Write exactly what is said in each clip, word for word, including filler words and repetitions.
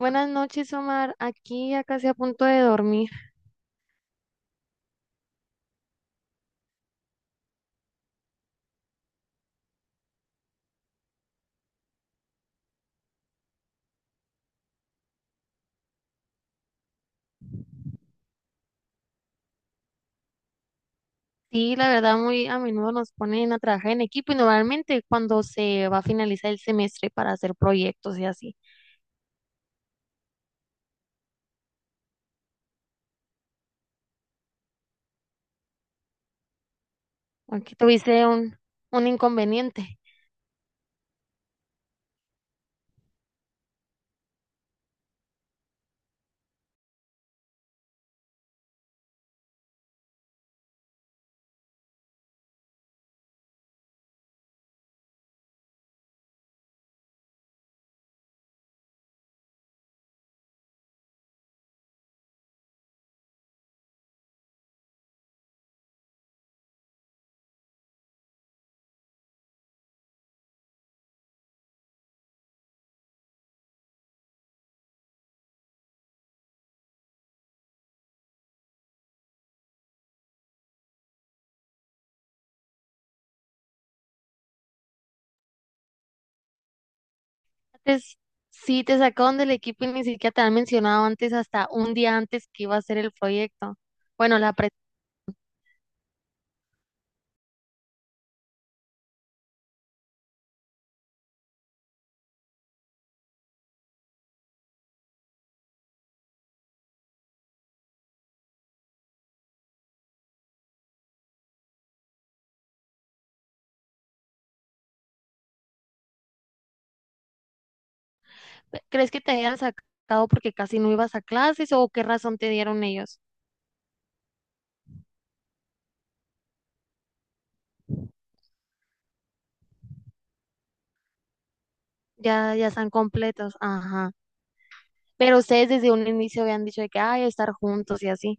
Buenas noches, Omar. Aquí ya casi a punto de dormir. Sí, la verdad, muy a menudo nos ponen a trabajar en equipo y normalmente cuando se va a finalizar el semestre para hacer proyectos y así. Aquí tuviste un, un inconveniente. Antes, sí, te sacaron del equipo y ni siquiera te han mencionado antes, hasta un día antes que iba a hacer el proyecto. Bueno, la pre- ¿crees que te hayan sacado porque casi no ibas a clases o qué razón te dieron ellos? Ya, ya están completos. Ajá. Pero ustedes desde un inicio habían dicho de que, ay, estar juntos y así.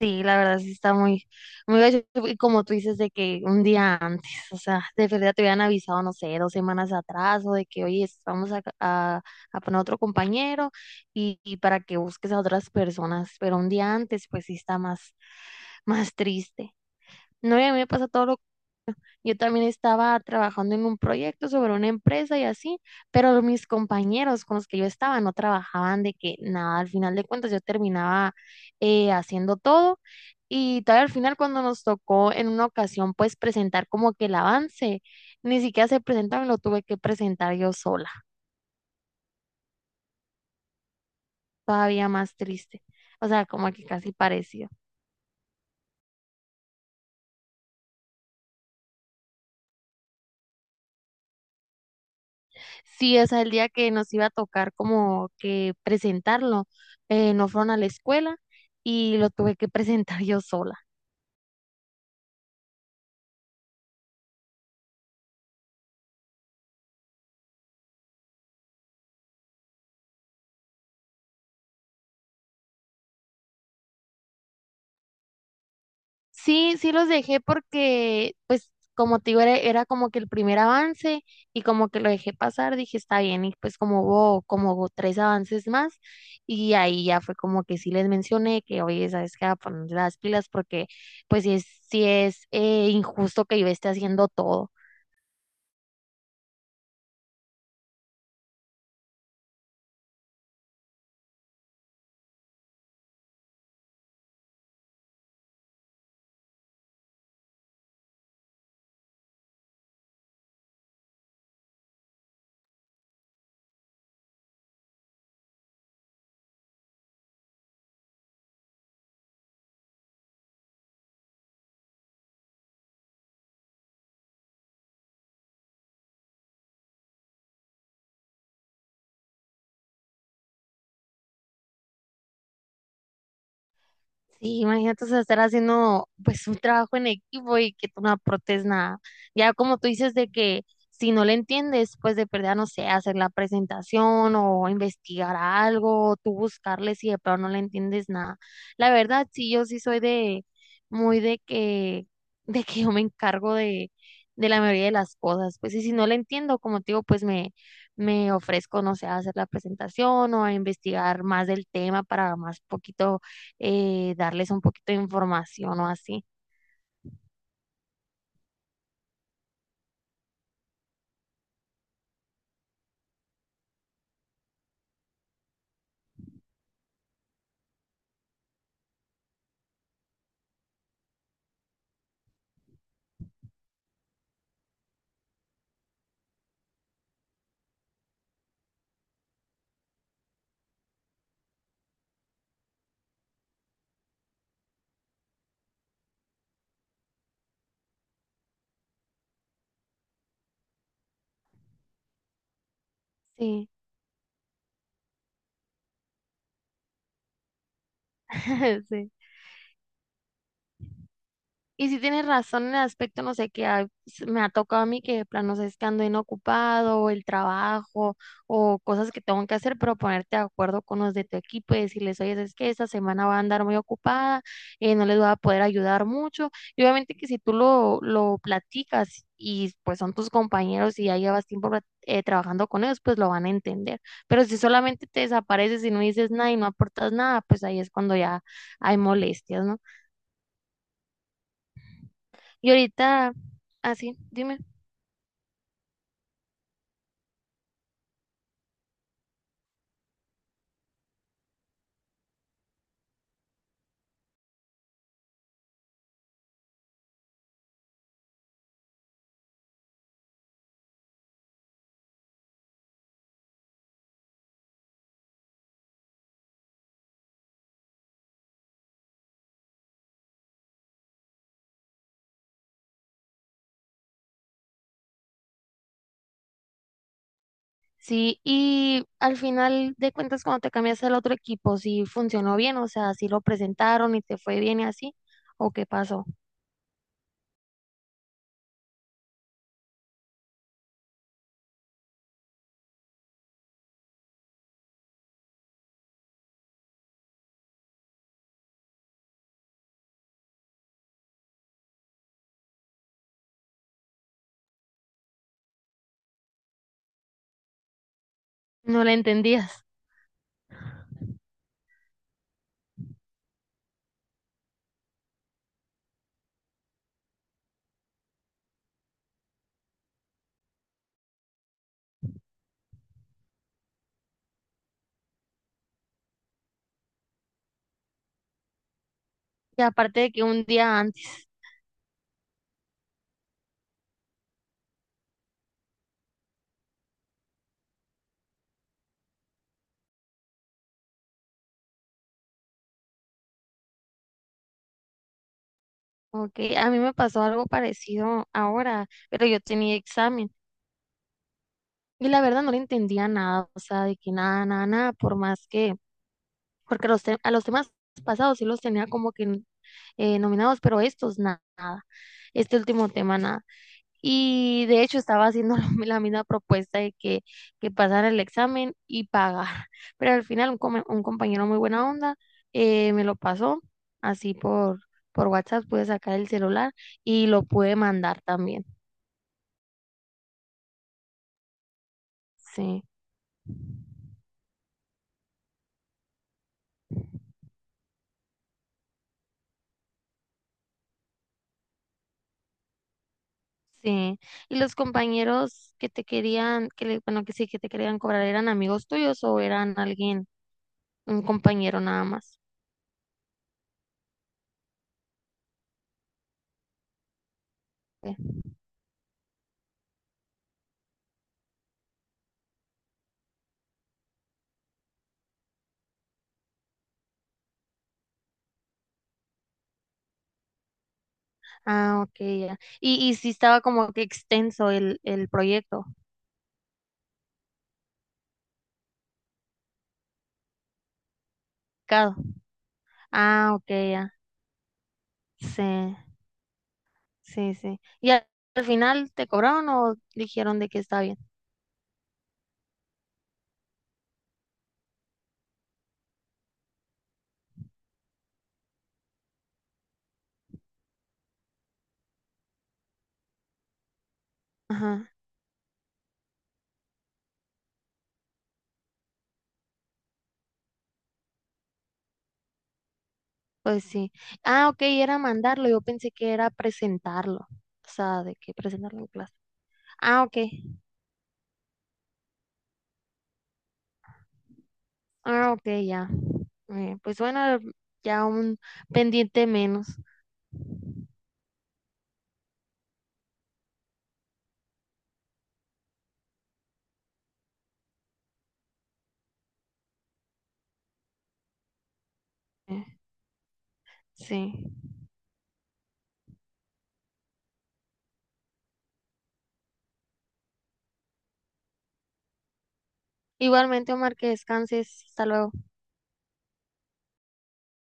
Sí, la verdad sí está muy, muy gacho. Y como tú dices, de que un día antes, o sea, de verdad te hubieran avisado, no sé, dos semanas atrás, o de que, oye, es- vamos a, a, a poner otro compañero y, y para que busques a otras personas. Pero un día antes, pues sí está más, más triste. No, y a mí me pasa todo lo. Yo también estaba trabajando en un proyecto sobre una empresa y así, pero mis compañeros con los que yo estaba no trabajaban de que nada, al final de cuentas yo terminaba eh, haciendo todo y todavía al final cuando nos tocó en una ocasión pues presentar como que el avance, ni siquiera se presentaron, lo tuve que presentar yo sola, todavía más triste, o sea, como que casi parecido. Sí, o sea, el día que nos iba a tocar como que presentarlo, eh, no fueron a la escuela y lo tuve que presentar yo sola. Sí, sí los dejé porque, pues, como te digo, era, era como que el primer avance y como que lo dejé pasar, dije, está bien, y pues como hubo como hubo tres avances más y ahí ya fue como que sí les mencioné que, oye, ¿sabes qué? A poner las pilas porque, pues, sí es, sí es eh, injusto que yo esté haciendo todo. Sí, imagínate, o sea, estar haciendo pues un trabajo en equipo y que tú no aportes nada. Ya como tú dices de que si no le entiendes, pues de perder, no sé, hacer la presentación o investigar algo, o tú buscarle si de pronto no le entiendes nada. La verdad, sí, yo sí soy de muy de que de que yo me encargo de de la mayoría de las cosas, pues y si no le entiendo, como te digo, pues me me ofrezco, no sé, a hacer la presentación o a investigar más del tema para más poquito, eh, darles un poquito de información o así. Sí, sí. Y si tienes razón en el aspecto, no sé, que a- s- me ha tocado a mí que de plano, no sé, es que ando inocupado, o el trabajo, o cosas que tengo que hacer, pero ponerte de acuerdo con los de tu equipo y decirles, oye, es que esta semana va a andar muy ocupada, eh, no les voy a poder ayudar mucho. Y obviamente que si tú lo, lo platicas y pues son tus compañeros y ya llevas tiempo plat- eh, trabajando con ellos, pues lo van a entender. Pero si solamente te desapareces y no dices nada y no aportas nada, pues ahí es cuando ya hay molestias, ¿no? Y ahorita... Así, dime. Sí, y al final de cuentas, cuando te cambiaste al otro equipo, si funcionó bien, o sea, si lo presentaron y te fue bien y así, o qué pasó, no le entendías. Y aparte de que un día antes, ok, a mí me pasó algo parecido ahora, pero yo tenía examen y la verdad no le entendía nada, o sea, de que nada, nada, nada, por más que, porque los te- a los temas pasados sí los tenía como que eh, nominados, pero estos na- nada, este último tema nada. Y de hecho estaba haciendo la la misma propuesta de que, que pasara el examen y pagar. Pero al final un, come- un compañero muy buena onda, eh, me lo pasó así por, por WhatsApp, pude sacar el celular y lo pude mandar también. Sí, sí. ¿Y los compañeros que te querían, que le- bueno, que sí, que te querían cobrar, eran amigos tuyos o eran alguien, un compañero nada más? Ah, ok, ya. Y, y sí estaba como que extenso el, el proyecto, claro. Ah, ok, ya. Sí, sí, sí. ¿Y al al final te cobraron o dijeron de que está bien? Ajá, pues sí. Ah, ok, era mandarlo. Yo pensé que era presentarlo. O sea, de que presentarlo en clase. Ah, ok. Ah, ok, ya. Eh, pues bueno, ya un pendiente menos. Eh, sí. Igualmente, Omar, que descanses. Hasta luego.